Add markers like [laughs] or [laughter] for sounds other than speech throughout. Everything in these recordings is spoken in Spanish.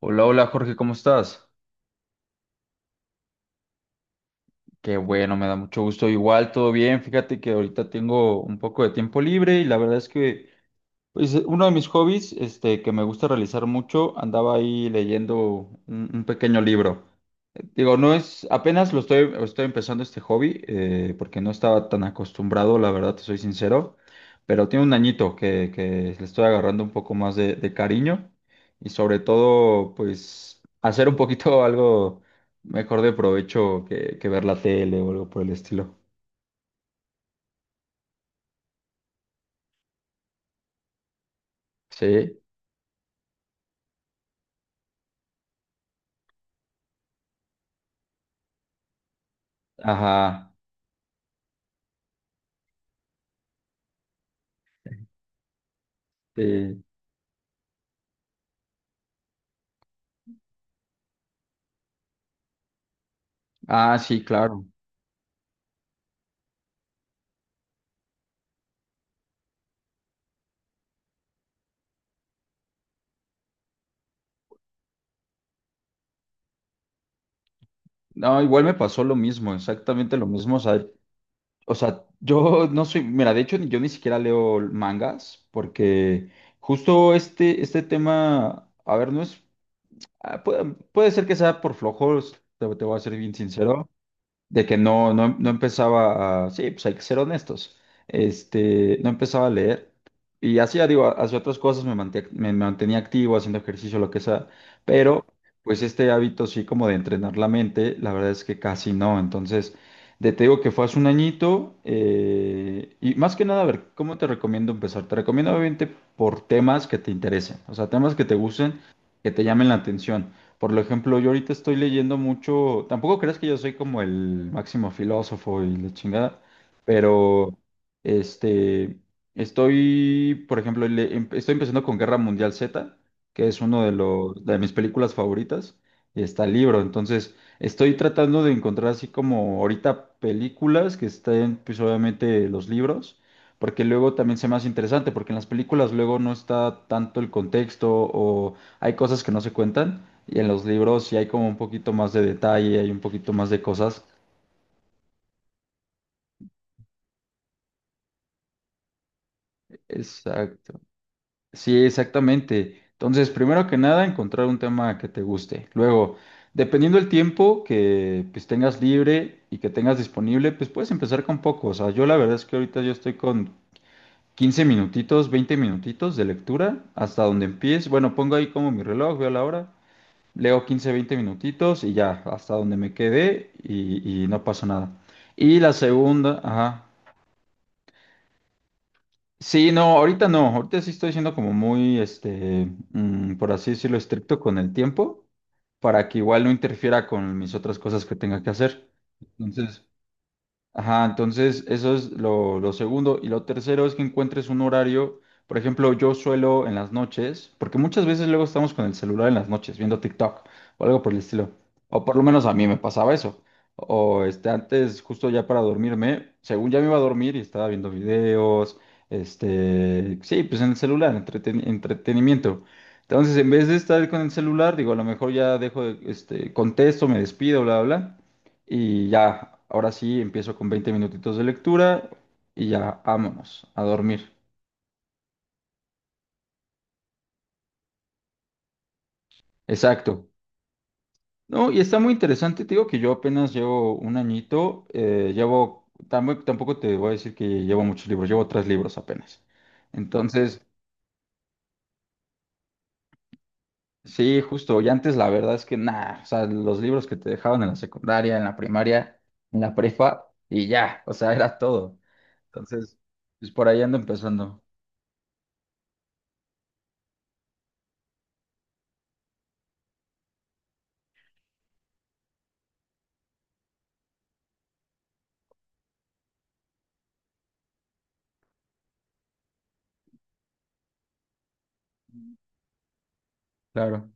Hola, hola Jorge, ¿cómo estás? Qué bueno, me da mucho gusto. Igual, todo bien. Fíjate que ahorita tengo un poco de tiempo libre y la verdad es que pues, uno de mis hobbies, que me gusta realizar mucho, andaba ahí leyendo un pequeño libro. Digo, no es, apenas lo estoy empezando este hobby, porque no estaba tan acostumbrado, la verdad, te soy sincero, pero tiene un añito que le estoy agarrando un poco más de cariño y sobre todo, pues, hacer un poquito [laughs] algo mejor de provecho que ver la tele o algo por el estilo. Sí, ajá, sí. Ah, sí, claro. No, igual me pasó lo mismo, exactamente lo mismo. O sea, yo no soy, mira, de hecho yo ni siquiera leo mangas porque justo este tema, a ver, no es, ah, puede ser que sea por flojos, te voy a ser bien sincero, de que no empezaba a, sí, pues hay que ser honestos, este, no empezaba a leer y hacía, digo, hacía otras cosas, me mantenía activo, haciendo ejercicio, lo que sea, pero pues este hábito sí como de entrenar la mente, la verdad es que casi no, entonces, de, te digo que fue hace un añito, y más que nada, a ver, ¿cómo te recomiendo empezar? Te recomiendo obviamente por temas que te interesen, o sea, temas que te gusten, que te llamen la atención. Por lo ejemplo, yo ahorita estoy leyendo mucho, tampoco crees que yo soy como el máximo filósofo y la chingada, pero este, estoy, por ejemplo, estoy empezando con Guerra Mundial Z, que es uno de los, de mis películas favoritas, y está el libro, entonces estoy tratando de encontrar así como ahorita películas que estén, pues obviamente los libros. Porque luego también se me hace interesante, porque en las películas luego no está tanto el contexto o hay cosas que no se cuentan. Y en los libros sí hay como un poquito más de detalle, hay un poquito más de cosas. Exacto. Sí, exactamente. Entonces, primero que nada, encontrar un tema que te guste. Luego, dependiendo del tiempo que pues tengas libre y que tengas disponible, pues puedes empezar con poco. O sea, yo la verdad es que ahorita yo estoy con 15 minutitos, 20 minutitos de lectura hasta donde empiece. Bueno, pongo ahí como mi reloj, veo la hora, leo 15 20 minutitos y ya, hasta donde me quedé y no pasó nada. Y la segunda, ajá. Sí, no, ahorita no, ahorita sí estoy siendo como muy, por así decirlo, estricto con el tiempo, para que igual no interfiera con mis otras cosas que tenga que hacer. Entonces, ajá, entonces eso es lo segundo. Y lo tercero es que encuentres un horario. Por ejemplo, yo suelo en las noches, porque muchas veces luego estamos con el celular en las noches viendo TikTok o algo por el estilo. O por lo menos a mí me pasaba eso. O antes, justo ya para dormirme, según ya me iba a dormir y estaba viendo videos, sí, pues en el celular, entretenimiento. Entonces, en vez de estar con el celular, digo, a lo mejor ya contesto, me despido, bla, bla, bla. Y ya, ahora sí empiezo con 20 minutitos de lectura y ya, vámonos a dormir. Exacto. No, y está muy interesante, te digo que yo apenas llevo un añito, llevo, bueno, tampoco te voy a decir que llevo muchos libros, llevo tres libros apenas. Entonces, sí, justo, y antes la verdad es que nada, o sea, los libros que te dejaban en la secundaria, en la primaria, en la prepa, y ya, o sea, era todo. Entonces, pues por ahí ando empezando, claro.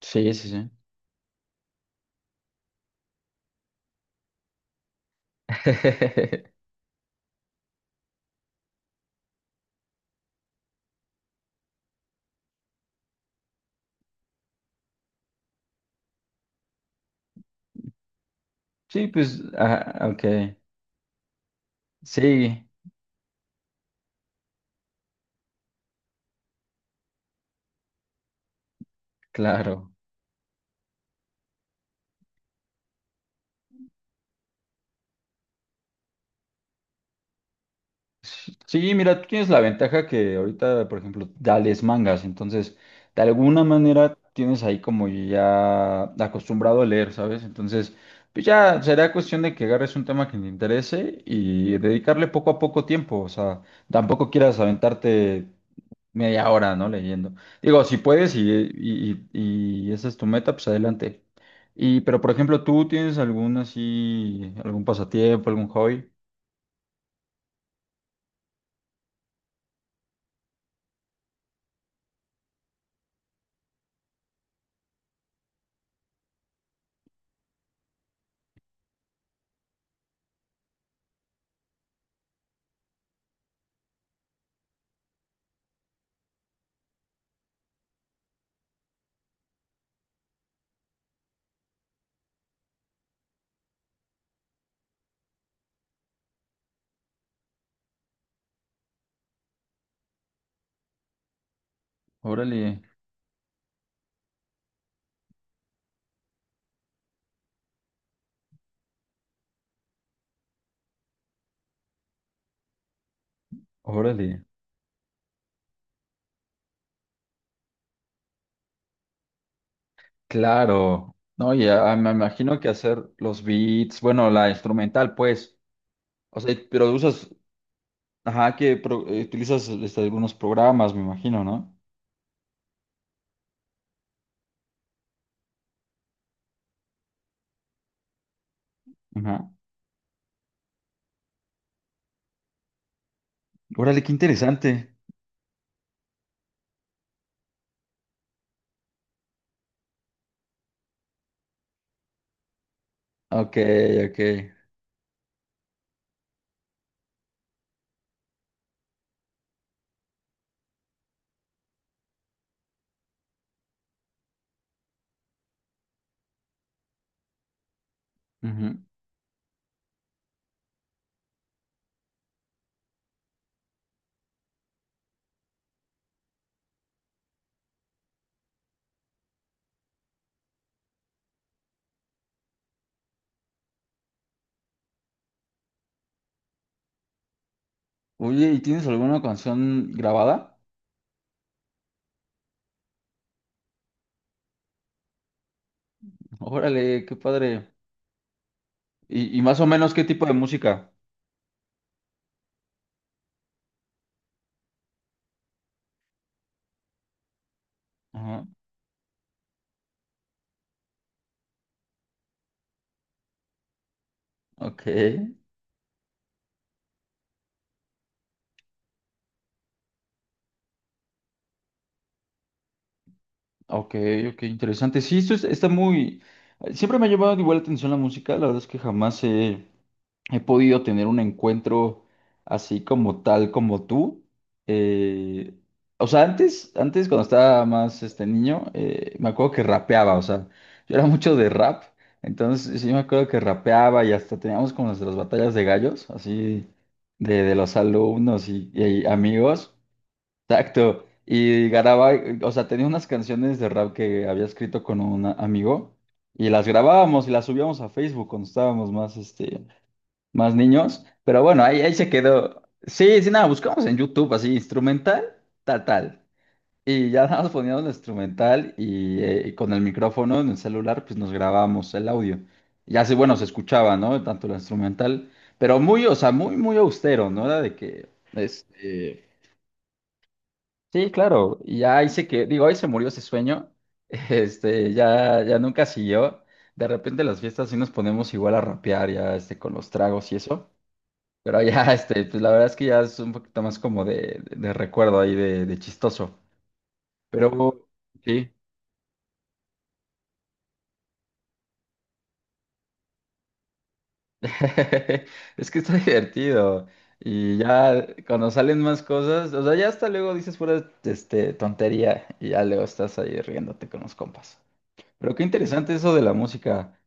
Sí, sí, sí. [laughs] Sí, pues, ah, ok. Sí, claro. Sí, mira, tú tienes la ventaja que ahorita, por ejemplo, ya lees mangas, entonces, de alguna manera tienes ahí como ya acostumbrado a leer, ¿sabes? Entonces, pues ya será cuestión de que agarres un tema que te interese y dedicarle poco a poco tiempo, o sea, tampoco quieras aventarte media hora, ¿no? Leyendo. Digo, si puedes y esa es tu meta, pues adelante. Y, pero por ejemplo, ¿tú tienes algún así, algún pasatiempo, algún hobby? Órale, órale. Claro. No, ya me imagino que hacer los beats, bueno, la instrumental, pues. O sea, pero usas, ajá, utilizas algunos programas, me imagino, ¿no? Ajá. Órale, qué interesante. Ok, ok. Ujú. Oye, ¿y tienes alguna canción grabada? Órale, qué padre. Y más o menos qué tipo de música. Ajá. Ok, ok, ok, interesante. Sí, está muy... Siempre me ha llamado igual la atención la música, la verdad es que jamás he... he podido tener un encuentro así como tal como tú. Eh, o sea, antes cuando estaba más este niño, me acuerdo que rapeaba, o sea, yo era mucho de rap, entonces sí me acuerdo que rapeaba y hasta teníamos como nuestras batallas de gallos, así de los alumnos y amigos. Exacto. Y grababa, o sea, tenía unas canciones de rap que había escrito con un amigo y las grabábamos y las subíamos a Facebook cuando estábamos más, más niños, pero bueno, ahí se quedó. Sí, sí, nada, buscamos en YouTube así, instrumental, tal. Y ya [laughs] nada más poníamos el instrumental y con el micrófono en el celular, pues nos grabamos el audio. Y así, bueno, se escuchaba, ¿no? Tanto el instrumental, pero muy, o sea, muy austero, ¿no? Era de que, este, sí, claro, y ya ahí se que, digo, ahí se murió ese sueño, [laughs] ya, ya nunca siguió. De repente las fiestas sí nos ponemos igual a rapear ya, con los tragos y eso. Pero ya, [laughs] pues la verdad es que ya es un poquito más como de recuerdo ahí, de chistoso. Pero sí, [laughs] es que está divertido. Y ya cuando salen más cosas, o sea, ya hasta luego dices pura, tontería y ya luego estás ahí riéndote con los compas. Pero qué interesante eso de la música.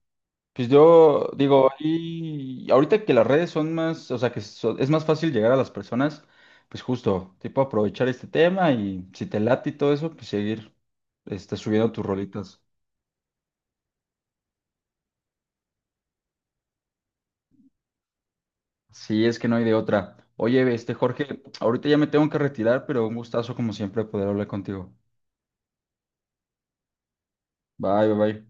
Pues yo digo, ahorita que las redes son más, o sea, es más fácil llegar a las personas, pues justo, tipo aprovechar este tema y si te late y todo eso, pues seguir subiendo tus rolitas. Sí, es que no hay de otra. Oye, este Jorge, ahorita ya me tengo que retirar, pero un gustazo como siempre poder hablar contigo. Bye, bye, bye.